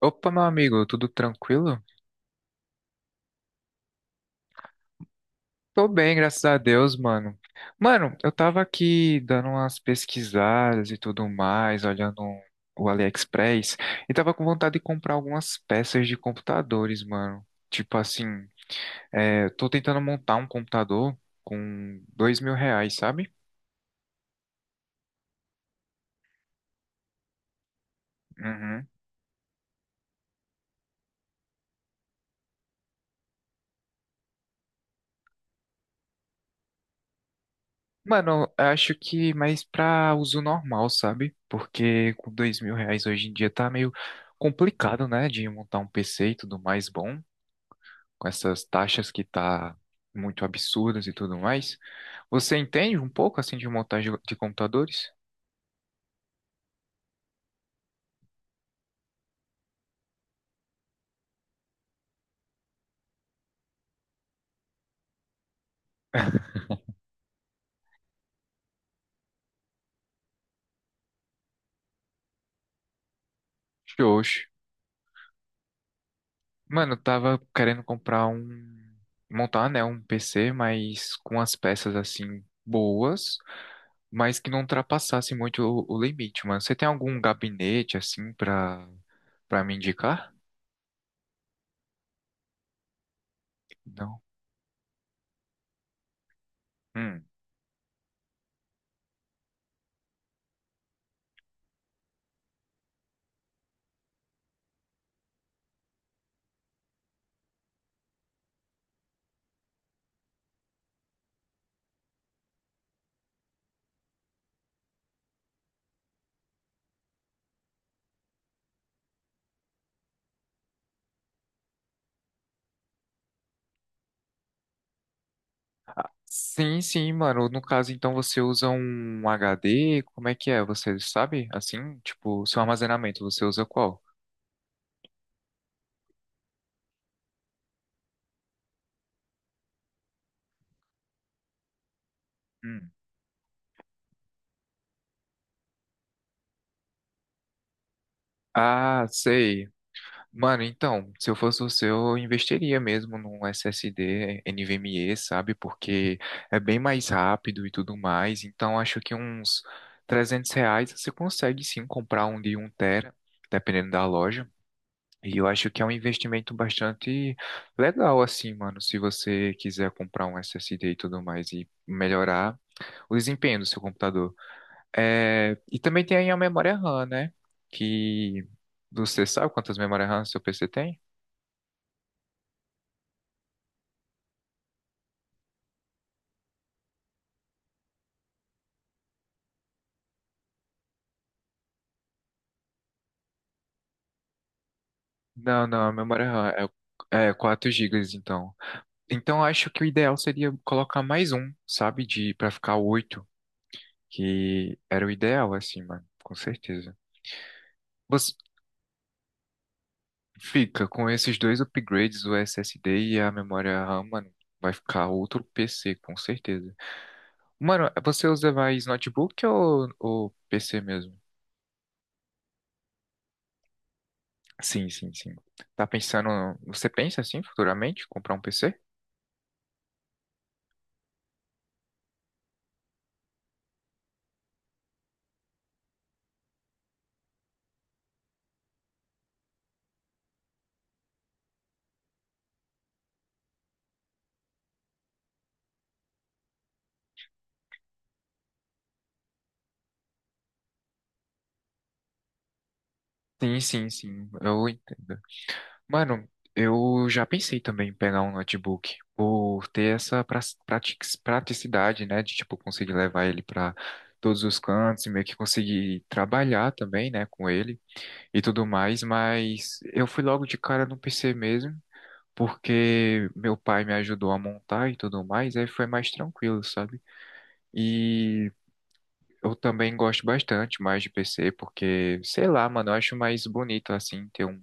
Opa, meu amigo, tudo tranquilo? Tô bem, graças a Deus, mano. Mano, eu tava aqui dando umas pesquisadas e tudo mais, olhando o AliExpress, e tava com vontade de comprar algumas peças de computadores, mano. Tipo assim, tô tentando montar um computador com R$ 2.000, sabe? Uhum. Mano, eu acho que mais pra uso normal, sabe? Porque com R$ 2.000 hoje em dia tá meio complicado, né? De montar um PC e tudo mais bom. Com essas taxas que tá muito absurdas e tudo mais. Você entende um pouco assim de montagem de computadores? Oxe. Mano, eu tava querendo comprar um montar, né, um PC, mas com as peças assim boas, mas que não ultrapassasse muito o limite, mano. Você tem algum gabinete assim pra para me indicar? Não. Sim, sim, mano. No caso, então, você usa um HD? Como é que é? Você sabe? Assim, tipo, seu armazenamento, você usa qual? Hum. Ah, sei. Mano, então, se eu fosse você, eu investiria mesmo num SSD NVMe, sabe? Porque é bem mais rápido e tudo mais. Então, acho que uns R$ 300 você consegue sim comprar um de um tera, dependendo da loja. E eu acho que é um investimento bastante legal, assim, mano, se você quiser comprar um SSD e tudo mais e melhorar o desempenho do seu computador. E também tem aí a memória RAM, né? Que você sabe quantas memórias RAM seu PC tem? Não, não, a memória RAM é 4 GB, então. Então, eu acho que o ideal seria colocar mais um, sabe, de para ficar 8 que era o ideal, assim, mano, com certeza. Você- Fica com esses dois upgrades, o SSD e a memória RAM, mano. Vai ficar outro PC, com certeza. Mano, você usa mais notebook ou PC mesmo? Sim, sim, sim. Tá pensando. Você pensa assim futuramente comprar um PC? Sim, sim, sim. Eu entendo. Mano, eu já pensei também em pegar um notebook por ter essa prati- praticidade, né, de tipo conseguir levar ele para todos os cantos e meio que conseguir trabalhar também, né, com ele e tudo mais, mas eu fui logo de cara no PC mesmo, porque meu pai me ajudou a montar e tudo mais, aí foi mais tranquilo, sabe? E eu também gosto bastante mais de PC, porque, sei lá, mano, eu acho mais bonito assim ter um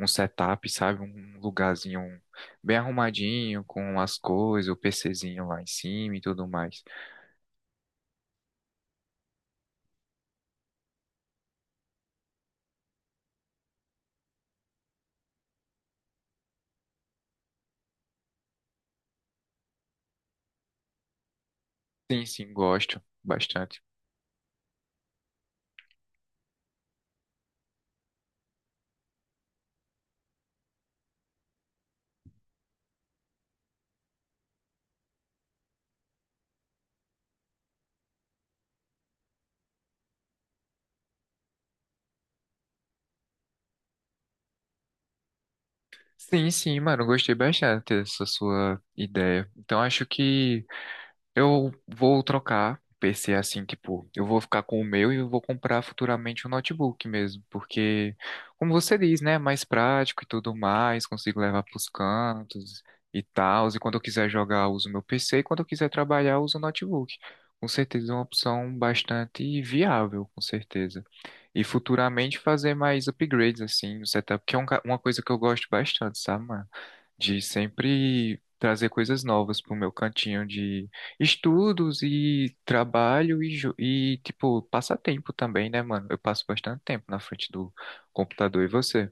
um setup, sabe? Um lugarzinho bem arrumadinho, com as coisas, o PCzinho lá em cima e tudo mais. Sim, sim, gosto bastante. Sim, sim, mano, gostei bastante dessa sua ideia. Então acho que eu vou trocar PC assim, tipo, eu vou ficar com o meu e eu vou comprar futuramente um notebook mesmo, porque, como você diz, né, é mais prático e tudo mais, consigo levar pros cantos e tal, e quando eu quiser jogar, eu uso meu PC e quando eu quiser trabalhar, eu uso o notebook. Com certeza é uma opção bastante viável, com certeza. E futuramente fazer mais upgrades assim no setup, que é uma coisa que eu gosto bastante, sabe, mano? De sempre trazer coisas novas pro meu cantinho de estudos e trabalho e, e tipo, passatempo também, né, mano? Eu passo bastante tempo na frente do computador e você?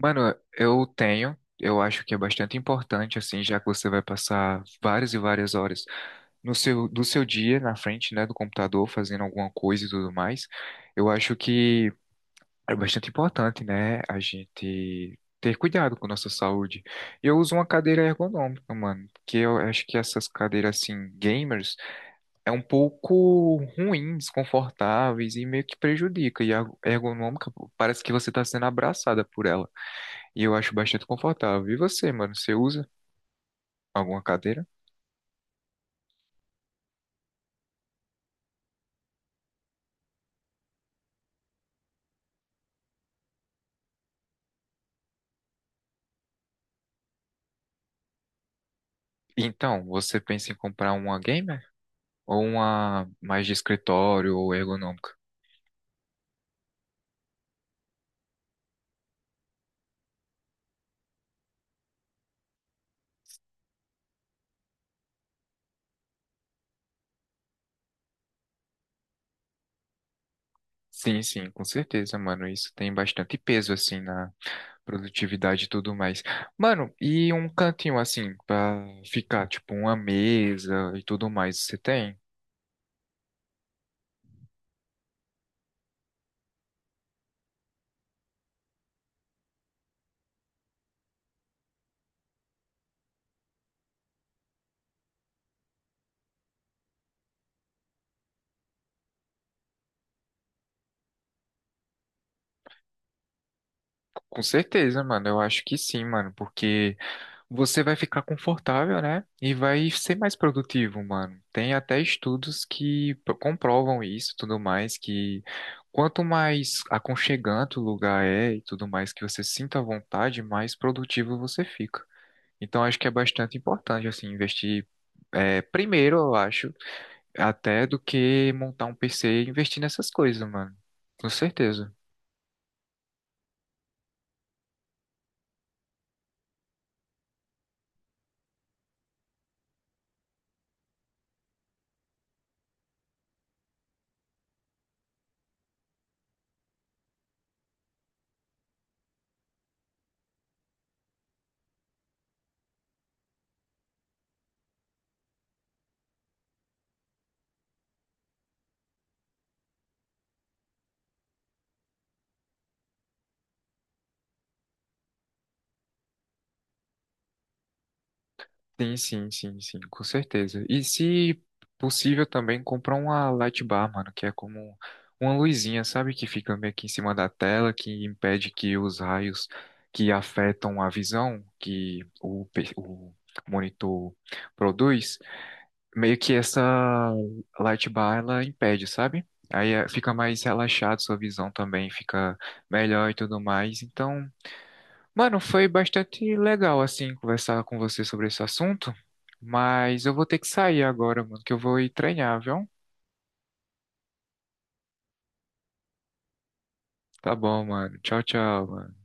Mano, eu tenho. Eu acho que é bastante importante, assim, já que você vai passar várias e várias horas no seu, do seu dia na frente, né, do computador, fazendo alguma coisa e tudo mais. Eu acho que é bastante importante, né? A gente ter cuidado com nossa saúde. Eu uso uma cadeira ergonômica, mano, porque eu acho que essas cadeiras assim gamers é um pouco ruim, desconfortáveis e meio que prejudica. E a ergonômica pô, parece que você tá sendo abraçada por ela. E eu acho bastante confortável. E você, mano, você usa alguma cadeira? Então, você pensa em comprar uma gamer ou uma mais de escritório ou ergonômica? Sim, sim, com certeza, mano. Isso tem bastante peso assim na produtividade e tudo mais. Mano, e um cantinho assim pra ficar, tipo, uma mesa e tudo mais, você tem? Com certeza, mano. Eu acho que sim, mano, porque você vai ficar confortável, né? E vai ser mais produtivo, mano. Tem até estudos comprovam isso, e tudo mais, que quanto mais aconchegante o lugar é e tudo mais que você sinta à vontade, mais produtivo você fica. Então acho que é bastante importante assim investir primeiro, eu acho, até do que montar um PC e investir nessas coisas, mano. Com certeza. Sim, sim, sim, sim, com certeza. E se possível também comprar uma light bar, mano, que é como uma luzinha, sabe, que fica meio que em cima da tela, que impede que os raios que afetam a visão que o monitor produz, meio que essa light bar ela impede, sabe? Aí fica mais relaxado sua visão também, fica melhor e tudo mais. Então mano, foi bastante legal, assim, conversar com você sobre esse assunto, mas eu vou ter que sair agora, mano, que eu vou ir treinar, viu? Tá bom, mano. Tchau, tchau, mano.